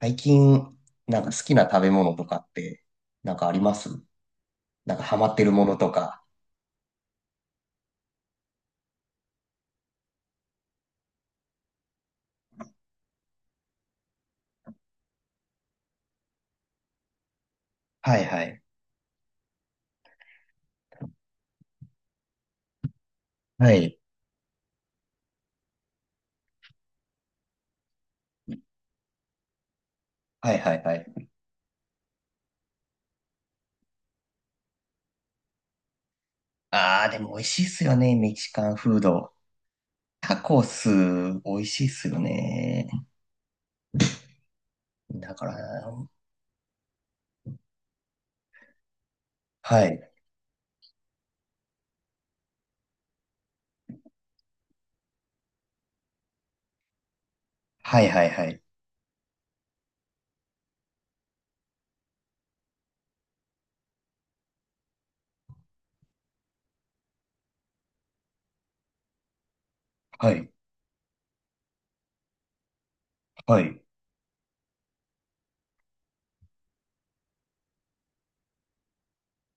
最近、なんか好きな食べ物とかって、なんかありますなんかハマってるものとか。はいはい。はい。はいはいはい。ああ、でも美味しいっすよね、メキシカンフード。タコス、美味しいっすよね。だから、はい。はいはいはい。はい。はい。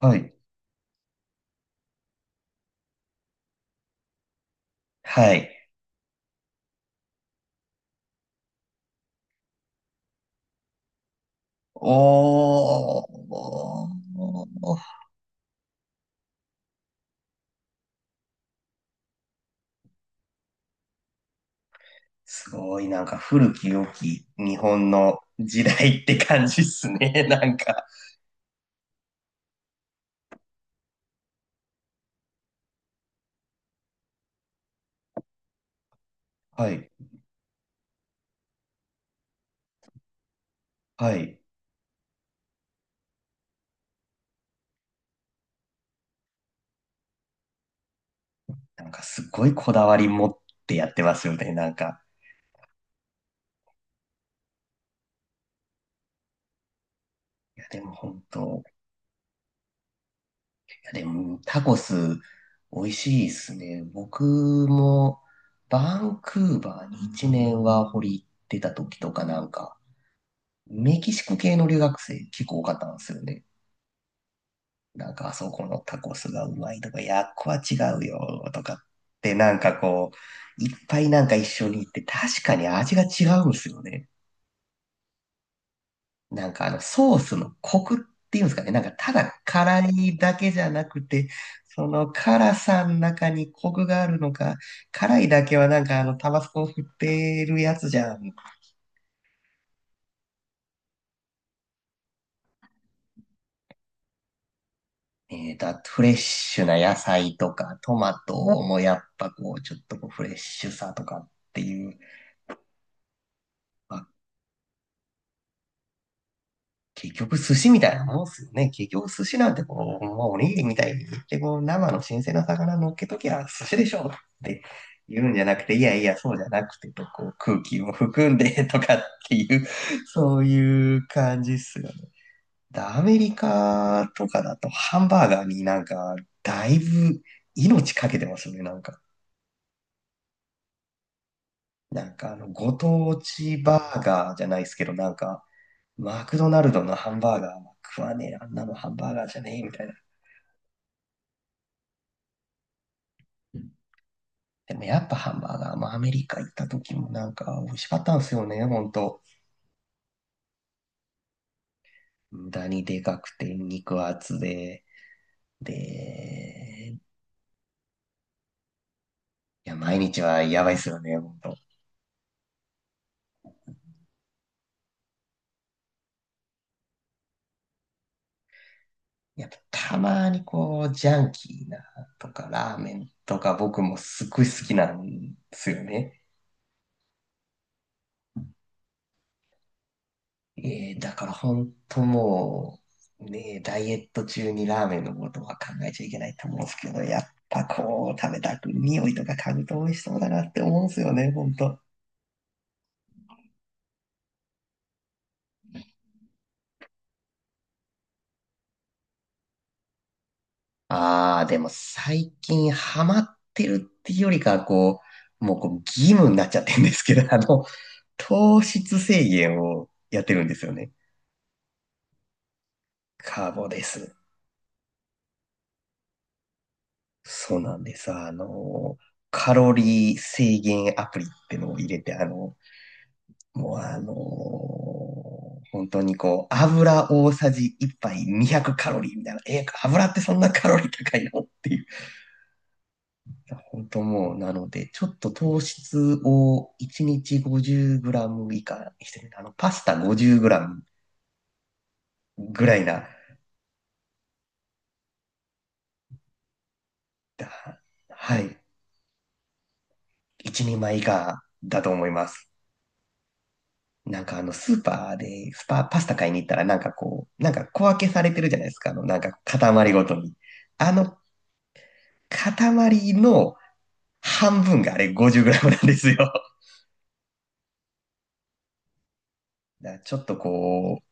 はい。はい。おー。すごい、なんか古き良き日本の時代って感じっすね、なんか。はい。はい。なんかすごいこだわり持ってやってますよね、なんか。いや、でも本当、いや、でもタコス美味しいですね。僕もバンクーバーに1年ワーホリ行ってた時とかなんか、メキシコ系の留学生結構多かったんですよね。なんかあそこのタコスがうまいとか、いや、っこは違うよとかってなんかこう、いっぱいなんか一緒に行って確かに味が違うんですよね。なんかあのソースのコクっていうんですかね。なんかただ辛いだけじゃなくて、その辛さの中にコクがあるのか、辛いだけはなんかあのタバスコを振ってるやつじゃん。あとフレッシュな野菜とかトマトもやっぱこうちょっとこうフレッシュさとかっていう、まあ結局寿司みたいなもんっすよね。結局寿司なんてこう、まあ、おにぎりみたいにでこう、生の新鮮な魚乗っけときゃ寿司でしょって言うんじゃなくて、いやいや、そうじゃなくてと、こう空気を含んでとかっていう、そういう感じっすよね。でアメリカとかだとハンバーガーになんか、だいぶ命かけてますよね、なんか。なんかあの、ご当地バーガーじゃないですけど、なんか、マクドナルドのハンバーガーは食わねえ、あんなのハンバーガーじゃねえみたいな。うん。でもやっぱハンバーガーもアメリカ行った時もなんか美味しかったんですよね、ほんと。無駄にでかくて肉厚で。で、いや、毎日はやばいっすよね、ほんと。やっぱたまにこう、ジャンキーなとかラーメンとか僕もすっごい好きなんですよね。だから本当もう、ね、ダイエット中にラーメンのことは考えちゃいけないと思うんですけど、やっぱこう、食べたく、匂いとか嗅ぐと美味しそうだなって思うんですよね、本当。ああ、でも最近ハマってるっていうよりかは、こう、もうこう義務になっちゃってるんですけど、糖質制限をやってるんですよね。カーボです。そうなんです。カロリー制限アプリってのを入れて、もう本当にこう、油大さじ1杯200カロリーみたいな、え、油ってそんなカロリー高いのって本当もう、なので、ちょっと糖質を1日5 0ム以下にしてる。パスタ5 0ムぐらいな、だはい、1人枚以下だと思います。なんかスーパーで、パスタ買いに行ったら、なんかこう、なんか小分けされてるじゃないですか。なんか塊ごとに。あの、塊の半分があれ5 0ムなんですよ。だからちょっとこ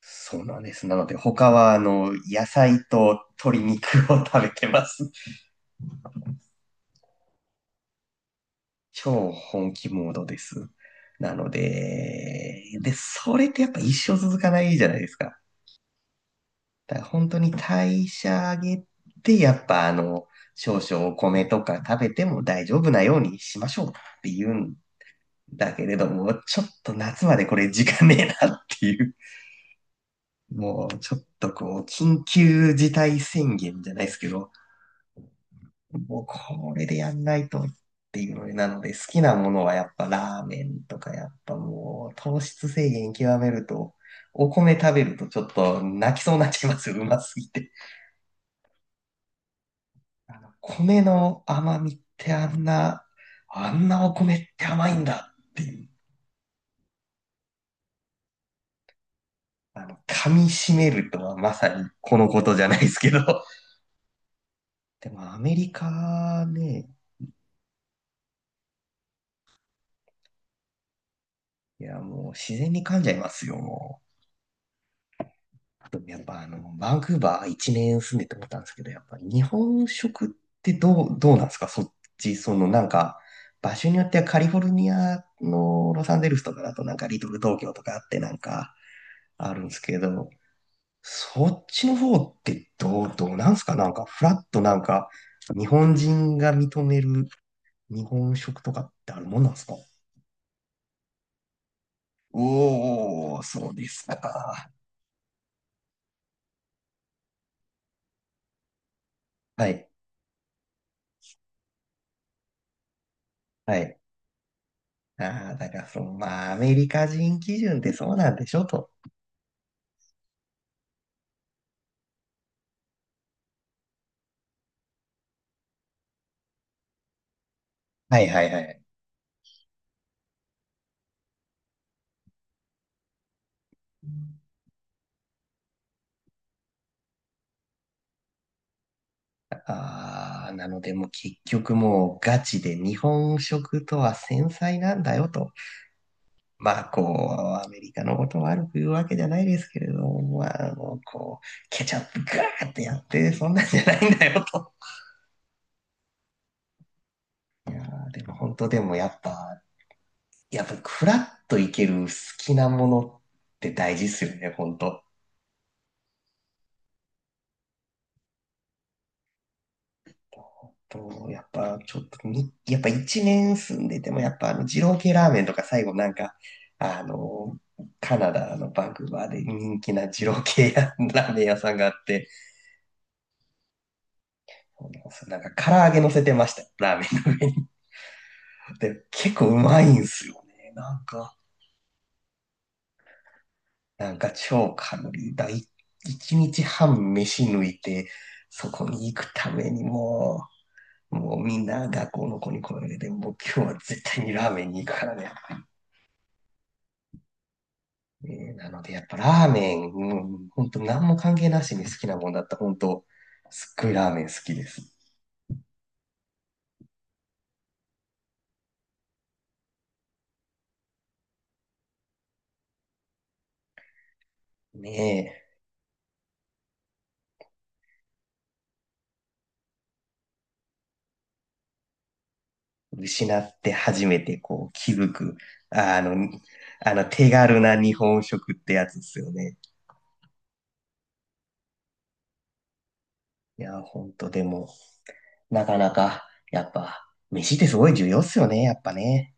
そうなんです。なので、他は、野菜と鶏肉を食べてます。超本気モードです。なので、で、それってやっぱ一生続かないじゃないですか。だから本当に代謝上げて、やっぱ少々お米とか食べても大丈夫なようにしましょうって言うんだけれども、ちょっと夏までこれ時間ねえなっていう、もうちょっとこう、緊急事態宣言じゃないですけど、もうこれでやんないとっていうのでなので、好きなものはやっぱラーメンとか、やっぱもう糖質制限極めると、お米食べるとちょっと泣きそうになっちゃいますよ、うますぎて。米の甘みってあんな、あんなお米って甘いんだっていう、噛み締めるとはまさにこのことじゃないですけど。でもアメリカね、いやもう自然に噛んじゃいますよ、もう。あと、やっぱバンクーバー一年住んでて思ったんですけど、やっぱ日本食ってどうなんですか？そっち、そのなんか、場所によってはカリフォルニアのロサンゼルスとかだとなんかリトル東京とかあってなんかあるんですけど、そっちの方ってどうなんですか？なんかフラッとなんか日本人が認める日本食とかってあるもんなんですか？おー、そうですか。はい、はい。ああ、だからその、まあ、アメリカ人基準ってそうなんでしょと。はいはいはい。ああ、なのでもう結局もうガチで日本食とは繊細なんだよと。まあこう、アメリカのことを悪く言うわけじゃないですけれども、まあもうこう、ケチャップガーってやって、そんなんじゃないんだよと。あーでも本当でもやっぱ、やっぱフラッといける好きなものって大事ですよね、本当。と、やっぱちょっとに、やっぱ一年住んでても、やっぱ二郎系ラーメンとか最後なんか、あの、カナダのバンクーバーで人気な二郎系やラーメン屋さんがあって、なんか唐揚げ乗せてました、ラーメンの上に。で、結構うまいんすよね。なんか、なんか超カロリーだ。一日半飯抜いて、そこに行くためにもう、もうみんな学校の子に声を上げて、もう今日は絶対にラーメンに行くからね。ねなので、やっぱラーメン、うん、本当何も関係なしに好きなもんだった。本当すっごいラーメン好きです。ねえ、失って初めてこう気づく、あの、あの手軽な日本食ってやつですよね。いや、本当でも、なかなか、やっぱ、飯ってすごい重要っすよね、やっぱね。